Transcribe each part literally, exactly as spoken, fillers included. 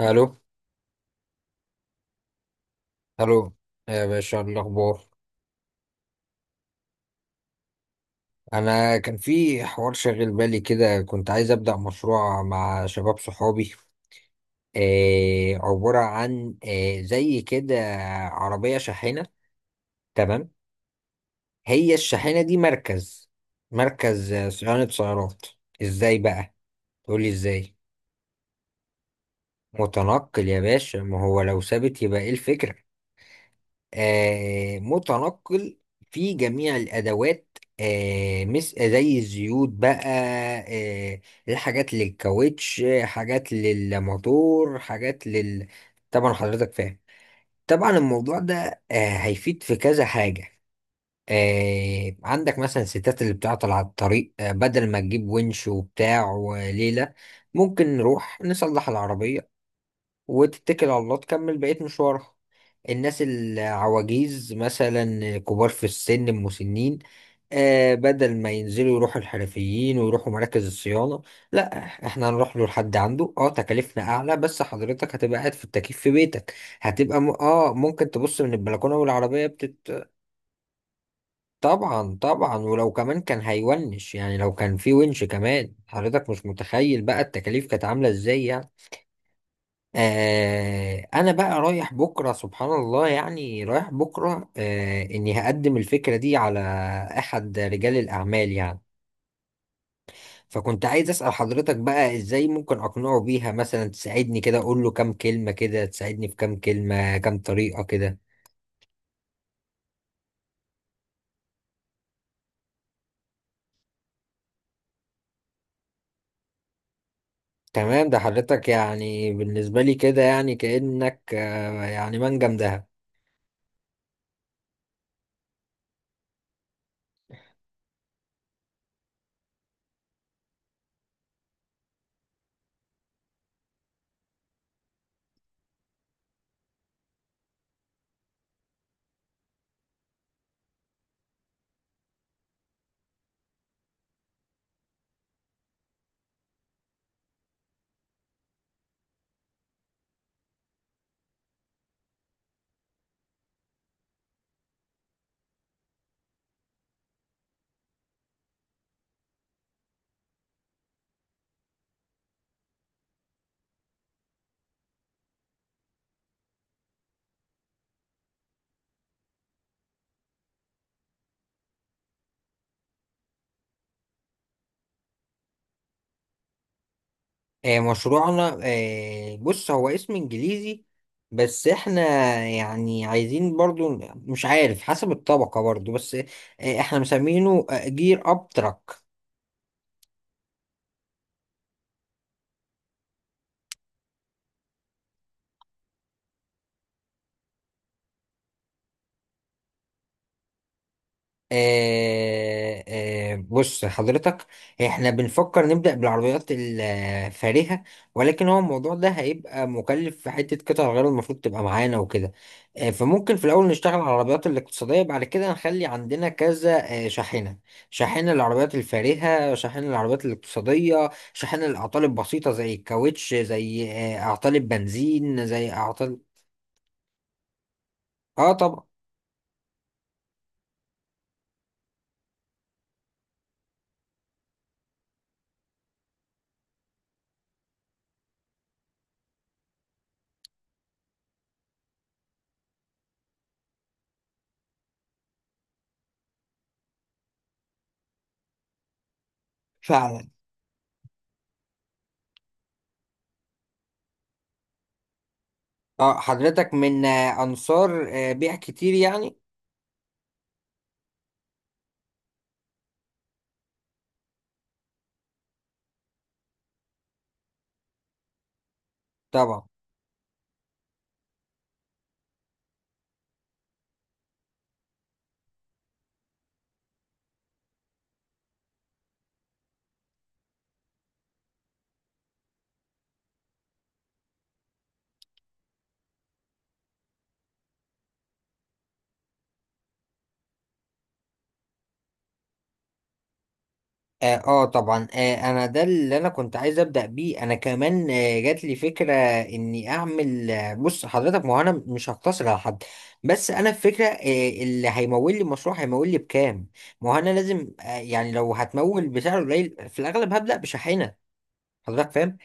الو، الو، يا باشا إيه الاخبار؟ انا كان في حوار شاغل بالي كده، كنت عايز ابدا مشروع مع شباب صحابي. آه عباره عن آه زي كده، عربيه شاحنه. تمام، هي الشاحنه دي مركز، مركز آه، صيانه سيارات. ازاي بقى؟ تقولي ازاي؟ متنقل يا باشا، ما هو لو ثابت يبقى ايه الفكره؟ آه، متنقل. في جميع الأدوات، آه، مس زي الزيوت بقى، آه، الحاجات للكاوتش، آه، حاجات للموتور، حاجات لل... طبعا حضرتك فاهم. طبعا الموضوع ده آه، هيفيد في كذا حاجة. آه، عندك مثلا الستات اللي بتعطل على الطريق، آه، بدل ما تجيب ونش وبتاع وليلة، ممكن نروح نصلح العربية وتتكل على الله تكمل بقية مشوارها. الناس العواجيز مثلا، كبار في السن، المسنين، آه بدل ما ينزلوا يروحوا الحرفيين ويروحوا مراكز الصيانة، لا احنا هنروح له، لحد عنده. اه تكاليفنا اعلى، بس حضرتك هتبقى قاعد في التكييف في بيتك. هتبقى م... اه ممكن تبص من البلكونة والعربية بتت. طبعا طبعا، ولو كمان كان هيونش يعني، لو كان في ونش كمان، حضرتك مش متخيل بقى التكاليف كانت عاملة ازاي يعني. آه انا بقى رايح بكره، سبحان الله يعني، رايح بكره، آه اني هقدم الفكره دي على احد رجال الاعمال يعني. فكنت عايز اسال حضرتك بقى، ازاي ممكن اقنعه بيها؟ مثلا تساعدني كده، اقول له كام كلمه كده، تساعدني في كام كلمه، كام طريقه كده. تمام، ده حضرتك يعني بالنسبه لي كده يعني كانك آه يعني منجم دهب. آه، مشروعنا، آه، بص هو اسم انجليزي، بس احنا يعني عايزين برضو، مش عارف حسب الطبقة برضو، بس آه، احنا مسمينه جير اب تراك. آه آه، بص حضرتك، احنا بنفكر نبدأ بالعربيات الفارهة، ولكن هو الموضوع ده هيبقى مكلف في حتة قطع غيار المفروض تبقى معانا وكده. آه فممكن في الأول نشتغل على العربيات الاقتصادية، بعد كده نخلي عندنا كذا آه شاحنة. شاحنة للعربيات الفارهة، شاحنة للعربيات الاقتصادية، شاحنة للأعطال البسيطة زي الكاوتش، زي آه أعطال البنزين، زي أعطال... اه طبعا. فعلا. اه حضرتك من آه أنصار آه بيع كتير يعني؟ طبعا. اه آه طبعا، آه انا ده اللي انا كنت عايز ابدا بيه. انا كمان آه جات لي فكره اني اعمل، آه بص حضرتك، ما هو انا مش هقتصر على حد، بس انا الفكره آه اللي هيمول لي المشروع هيمول لي بكام. ما هو انا لازم آه يعني لو هتمول بسعر قليل في الاغلب هبدا بشاحنه. حضرتك فاهم.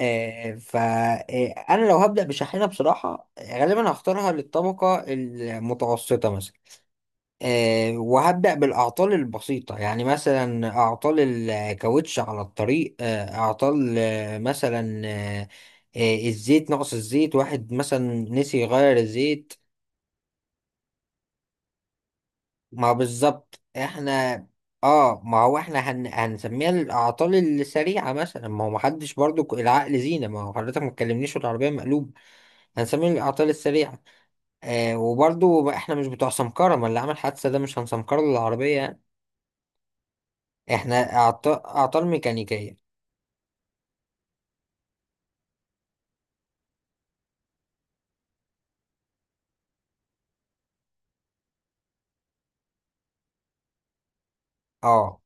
آه فانا لو هبدا بشاحنه بصراحه، آه، غالبا هختارها للطبقه المتوسطه مثلا. آه، وهبدأ بالأعطال البسيطة، يعني مثلا أعطال الكاوتش على الطريق، آه، أعطال آه، مثلا آه، آه، الزيت، نقص الزيت. واحد مثلا نسي يغير الزيت. ما بالظبط احنا. اه ما هو احنا هن... هنسميها الأعطال السريعة مثلا. ما هو محدش برضو، ك- العقل زينة، ما هو حضرتك ما تكلمنيش والعربية مقلوبة، هنسميها الأعطال السريعة. آه وبرضو احنا مش بتوع سمكرة، ما اللي عمل حادثة ده مش هنسمكر له العربية، احنا أعط- اعطال ميكانيكية. اه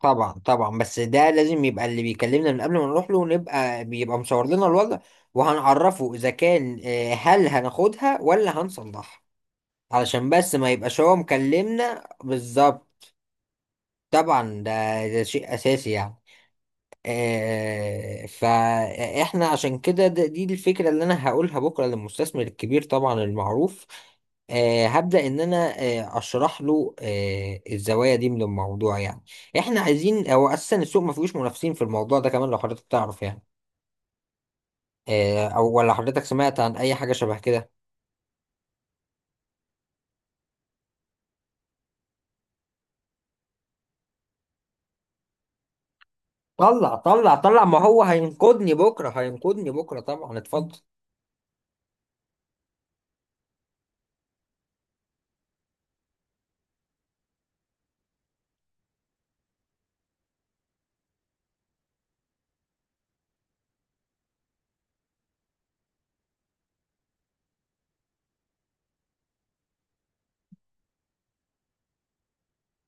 طبعا طبعا، بس ده لازم يبقى اللي بيكلمنا من قبل ما نروح له، نبقى بيبقى مصور لنا الوضع، وهنعرفه اذا كان، آه، هل هناخدها ولا هنصلحها؟ علشان بس ما يبقاش هو مكلمنا بالظبط. طبعا ده, ده شيء اساسي يعني. آه، فاحنا عشان كده، د- دي الفكرة اللي انا هقولها بكرة للمستثمر الكبير طبعا المعروف. آه، هبدأ ان انا آه، اشرح له آه، الزوايا دي من الموضوع يعني. احنا عايزين، او اساسا السوق ما فيهوش منافسين في الموضوع ده كمان، لو حضرتك تعرف يعني، آه، او ولا حضرتك سمعت عن اي حاجة شبه كده؟ طلع طلع طلع، ما هو هينقذني بكرة، هينقذني بكرة، طبعا اتفضل.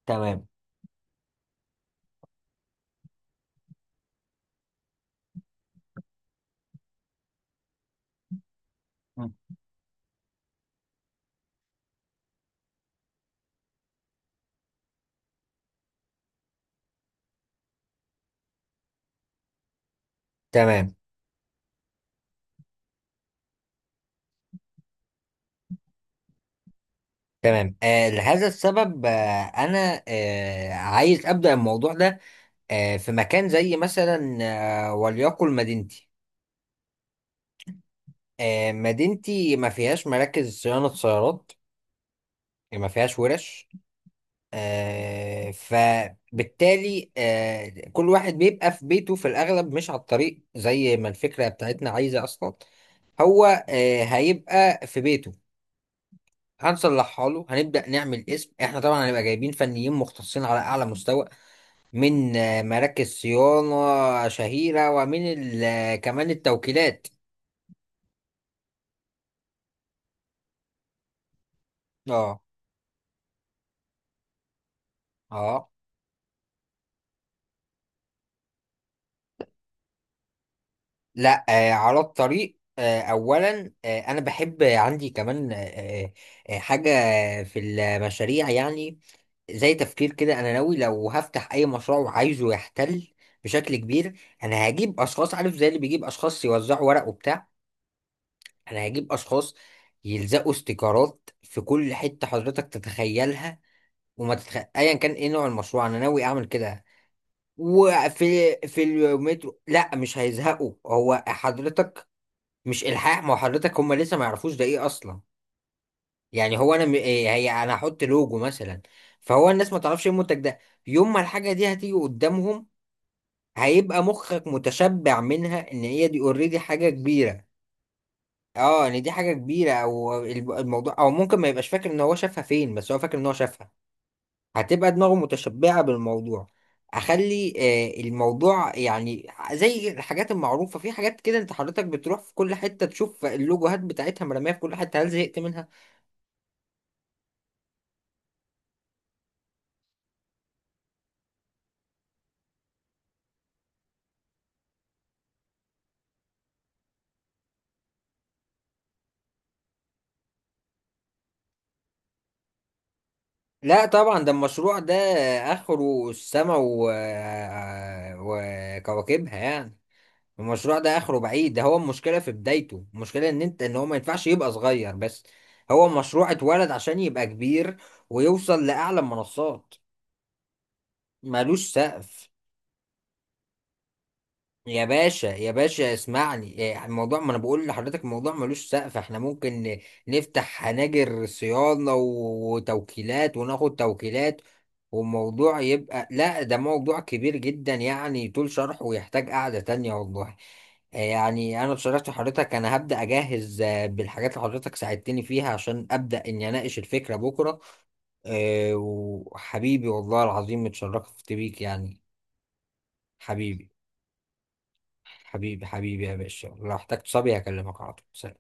تمام. مم. تمام. تمام آه لهذا السبب، آه انا آه عايز ابدا الموضوع ده آه في مكان زي مثلا، آه وليقل مدينتي. آه مدينتي ما فيهاش مراكز صيانه سيارات، ما فيهاش ورش. آه فبالتالي آه كل واحد بيبقى في بيته في الاغلب، مش على الطريق زي ما الفكره بتاعتنا عايزه اصلا. هو آه هيبقى في بيته، هنصلحها له، هنبدا نعمل اسم. احنا طبعا هنبقى جايبين فنيين مختصين على اعلى مستوى من آه، مراكز صيانة شهيرة، ومن ال- آه، كمان التوكيلات. اه. اه. لا آه، على الطريق. آه، اولا آه، انا بحب عندي كمان، آه، آه، حاجة في المشاريع يعني، زي تفكير كده. انا ناوي لو هفتح اي مشروع وعايزه يحتل بشكل كبير، انا هجيب اشخاص، عارف زي اللي بيجيب اشخاص يوزعوا ورق وبتاع، انا هجيب اشخاص يلزقوا استيكرات في كل حتة حضرتك تتخيلها. وما تتخ... ايا كان ايه نوع المشروع انا ناوي اعمل كده. وفي في المترو، لا مش هيزهقوا. هو حضرتك، مش الحاح. ما هو حضرتك هم لسه ما يعرفوش ده ايه اصلا. يعني هو انا، م... إيه هي، انا هحط لوجو مثلا، فهو الناس ما تعرفش ايه المنتج ده. يوم ما الحاجه دي هتيجي قدامهم هيبقى مخك متشبع منها، ان هي دي اوريدي حاجه كبيره. اه ان دي حاجه كبيره، او الب- الموضوع، او ممكن ما يبقاش فاكر ان هو شافها فين، بس هو فاكر ان هو شافها. هتبقى دماغه متشبعة بالموضوع. اخلي آه، الموضوع يعني زي الحاجات المعروفة. في حاجات كده انت حضرتك بتروح في كل حتة تشوف اللوجوهات بتاعتها مرمية في كل حتة، هل زهقت منها؟ لا طبعا. ده المشروع ده اخره السما و... آه، وكواكبها يعني. المشروع ده اخره بعيد. ده هو المشكلة في بدايته، المشكلة ان انت، ان هو ما ينفعش يبقى صغير بس، هو مشروع اتولد عشان يبقى كبير ويوصل لأعلى المنصات. ملوش سقف يا باشا، يا باشا اسمعني إيه، الموضوع، ما انا بقول لحضرتك الموضوع ملوش سقف، احنا ممكن ن- نفتح هناجر صيانة و- وتوكيلات وناخد توكيلات، والموضوع يبقى... لا ده موضوع كبير جدا يعني، طول شرحه ويحتاج قعدة تانية والله. آه، يعني انا بصراحة حضرتك انا هبدأ اجهز، آه، بالحاجات اللي حضرتك ساعدتني فيها عشان ابدأ اني اناقش الفكرة بكرة. آه، وحبيبي والله العظيم اتشرفت بيك يعني. حبيبي، حبيبي حبيبي يا باشا، لو احتجت صبي هكلمك على طول. سلام.